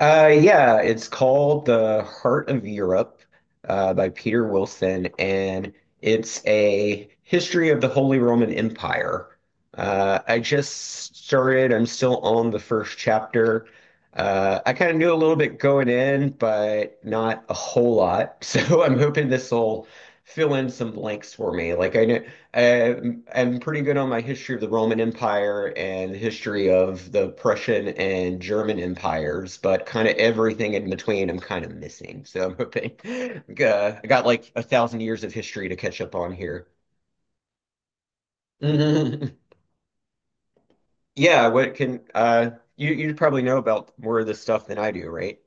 Yeah, it's called The Heart of Europe by Peter Wilson, and it's a history of the Holy Roman Empire. I just started, I'm still on the first chapter. I kind of knew a little bit going in, but not a whole lot. So I'm hoping this will fill in some blanks for me. Like I know I'm pretty good on my history of the Roman Empire and the history of the Prussian and German empires, but kind of everything in between I'm kind of missing. So I'm hoping I got like a thousand years of history to catch up on here. Yeah, what can you probably know about more of this stuff than I do, right?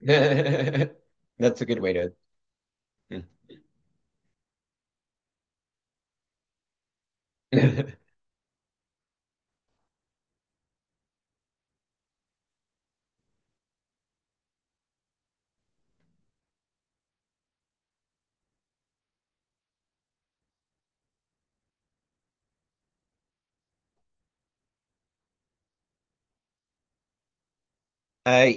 That's a good way to. Uh,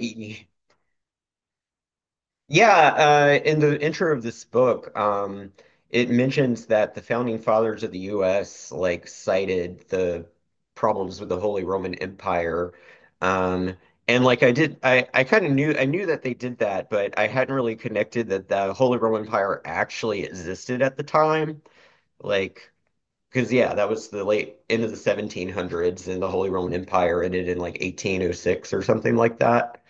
Yeah, in the intro of this book, it mentions that the founding fathers of the U.S. like cited the problems with the Holy Roman Empire, um, and like I kind of knew I knew that they did that, but I hadn't really connected that the Holy Roman Empire actually existed at the time, like because yeah, that was the late end of the 1700s, and the Holy Roman Empire ended in like 1806 or something like that.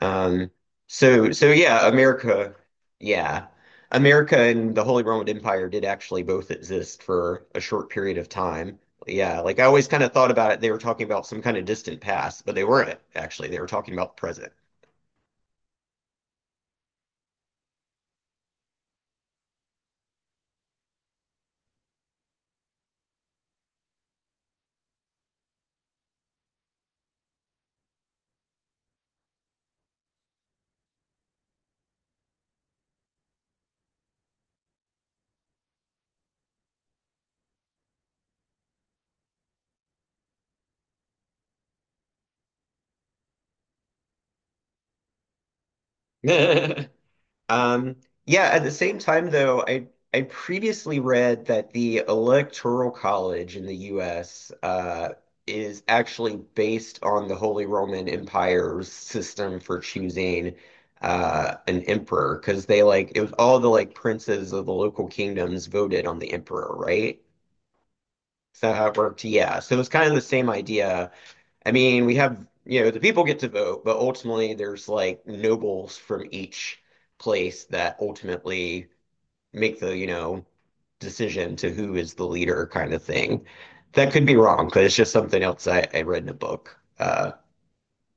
Um, so yeah. America and the Holy Roman Empire did actually both exist for a short period of time. Yeah, like I always kind of thought about it, they were talking about some kind of distant past, but they weren't actually. They were talking about the present. Um, yeah, at the same time, though, I previously read that the Electoral College in the US is actually based on the Holy Roman Empire's system for choosing an emperor, because they like it was all the like princes of the local kingdoms voted on the emperor, right? Is that how it worked? Yeah, so it was kind of the same idea. I mean, we have, you know, the people get to vote, but ultimately there's like nobles from each place that ultimately make the, you know, decision to who is the leader kind of thing. That could be wrong, but it's just something else I read in a book.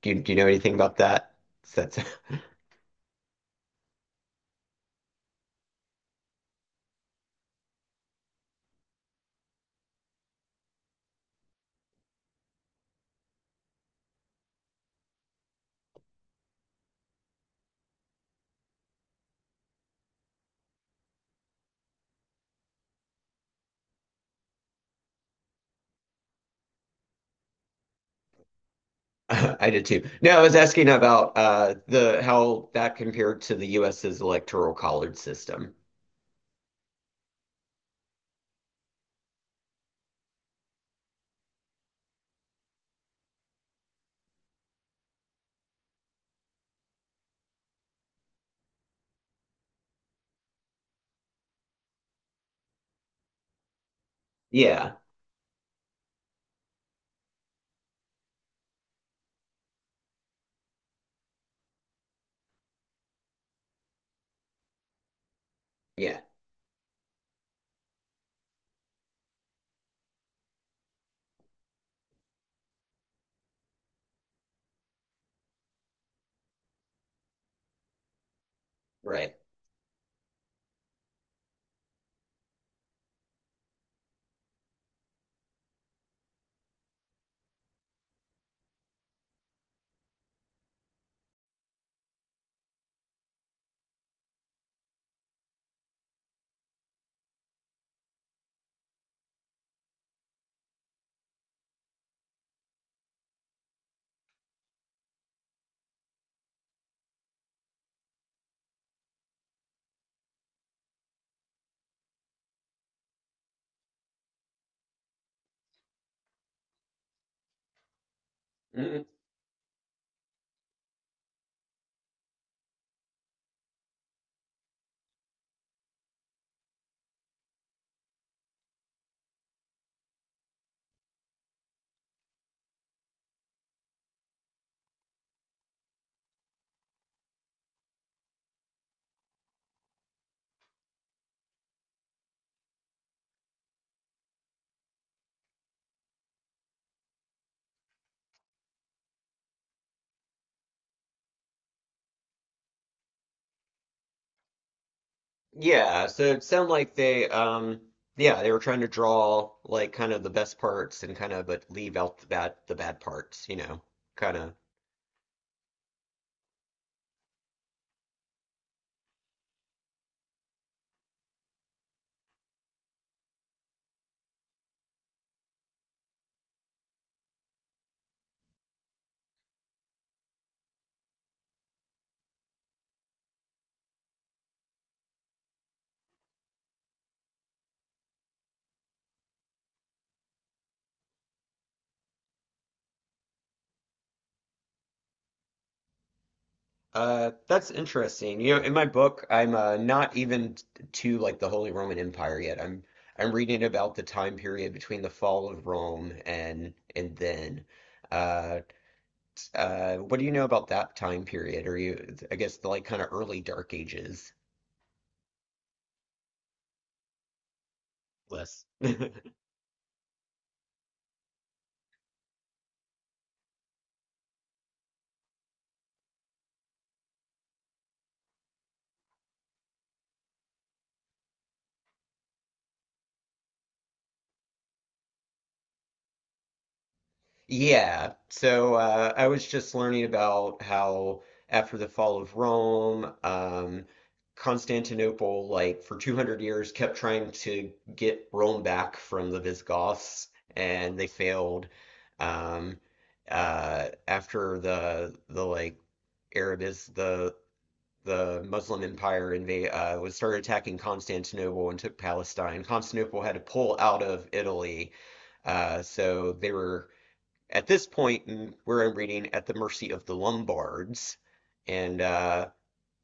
Do you know anything about that? That's I did too. No, I was asking about the how that compared to the US's electoral college system. Yeah, yeah, right. Mm-hmm. Yeah, so it sounded like they, yeah, they were trying to draw like kind of the best parts and kind of but leave out the bad parts, you know, kind of. That's interesting. You know, in my book, I'm not even to like the Holy Roman Empire yet. I'm reading about the time period between the fall of Rome and then. Uh, what do you know about that time period? Are you, I guess, the like kind of early Dark Ages? Less. Yeah. So I was just learning about how after the fall of Rome, Constantinople, like for 200 years, kept trying to get Rome back from the Visigoths, and they failed. Um, After the like Arab is the Muslim Empire invade was started attacking Constantinople and took Palestine. Constantinople had to pull out of Italy. So they were at this point, we're reading At the Mercy of the Lombards, and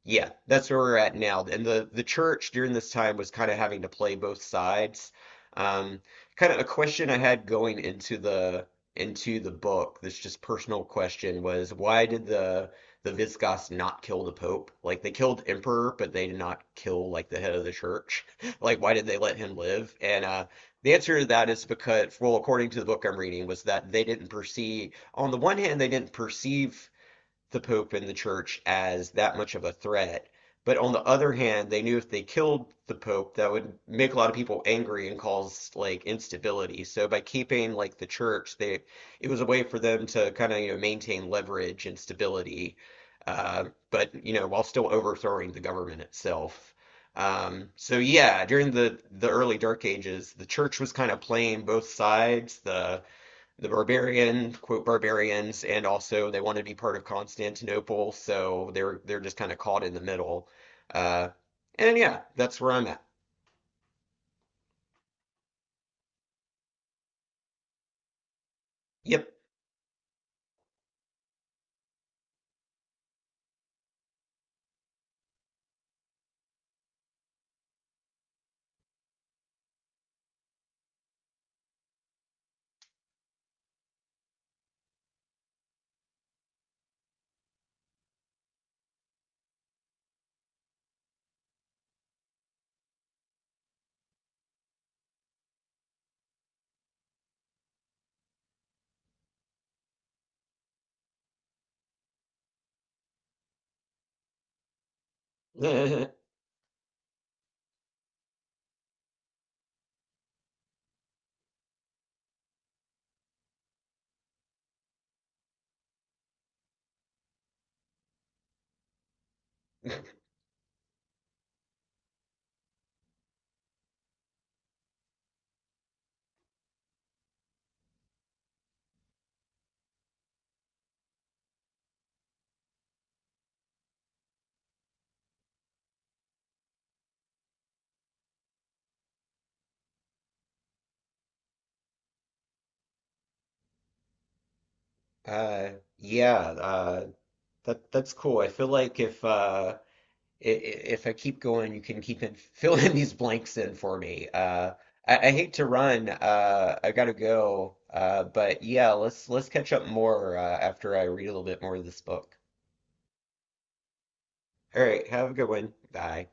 yeah, that's where we're at now. And the church during this time was kind of having to play both sides. Um, Kind of a question I had going into the book, this just personal question was why did the Visigoths not kill the Pope? Like they killed Emperor, but they did not kill like the head of the church. Like why did they let him live? And the answer to that is because, well, according to the book I'm reading, was that they didn't perceive, on the one hand, they didn't perceive the Pope and the church as that much of a threat. But on the other hand, they knew if they killed the Pope, that would make a lot of people angry and cause like instability. So by keeping like the church, they it was a way for them to kind of you know maintain leverage and stability, but you know while still overthrowing the government itself. So yeah, during the early Dark Ages, the church was kind of playing both sides. The barbarian, quote, barbarians, and also they want to be part of Constantinople, so they're just kind of caught in the middle. Uh, and yeah, that's where I'm at. Yep. Uh, yeah, uh, that that's cool. I feel like if if I keep going, you can keep in, filling these blanks in for me. I hate to run. I gotta go. But yeah, let's catch up more after I read a little bit more of this book. All right, have a good one. Bye.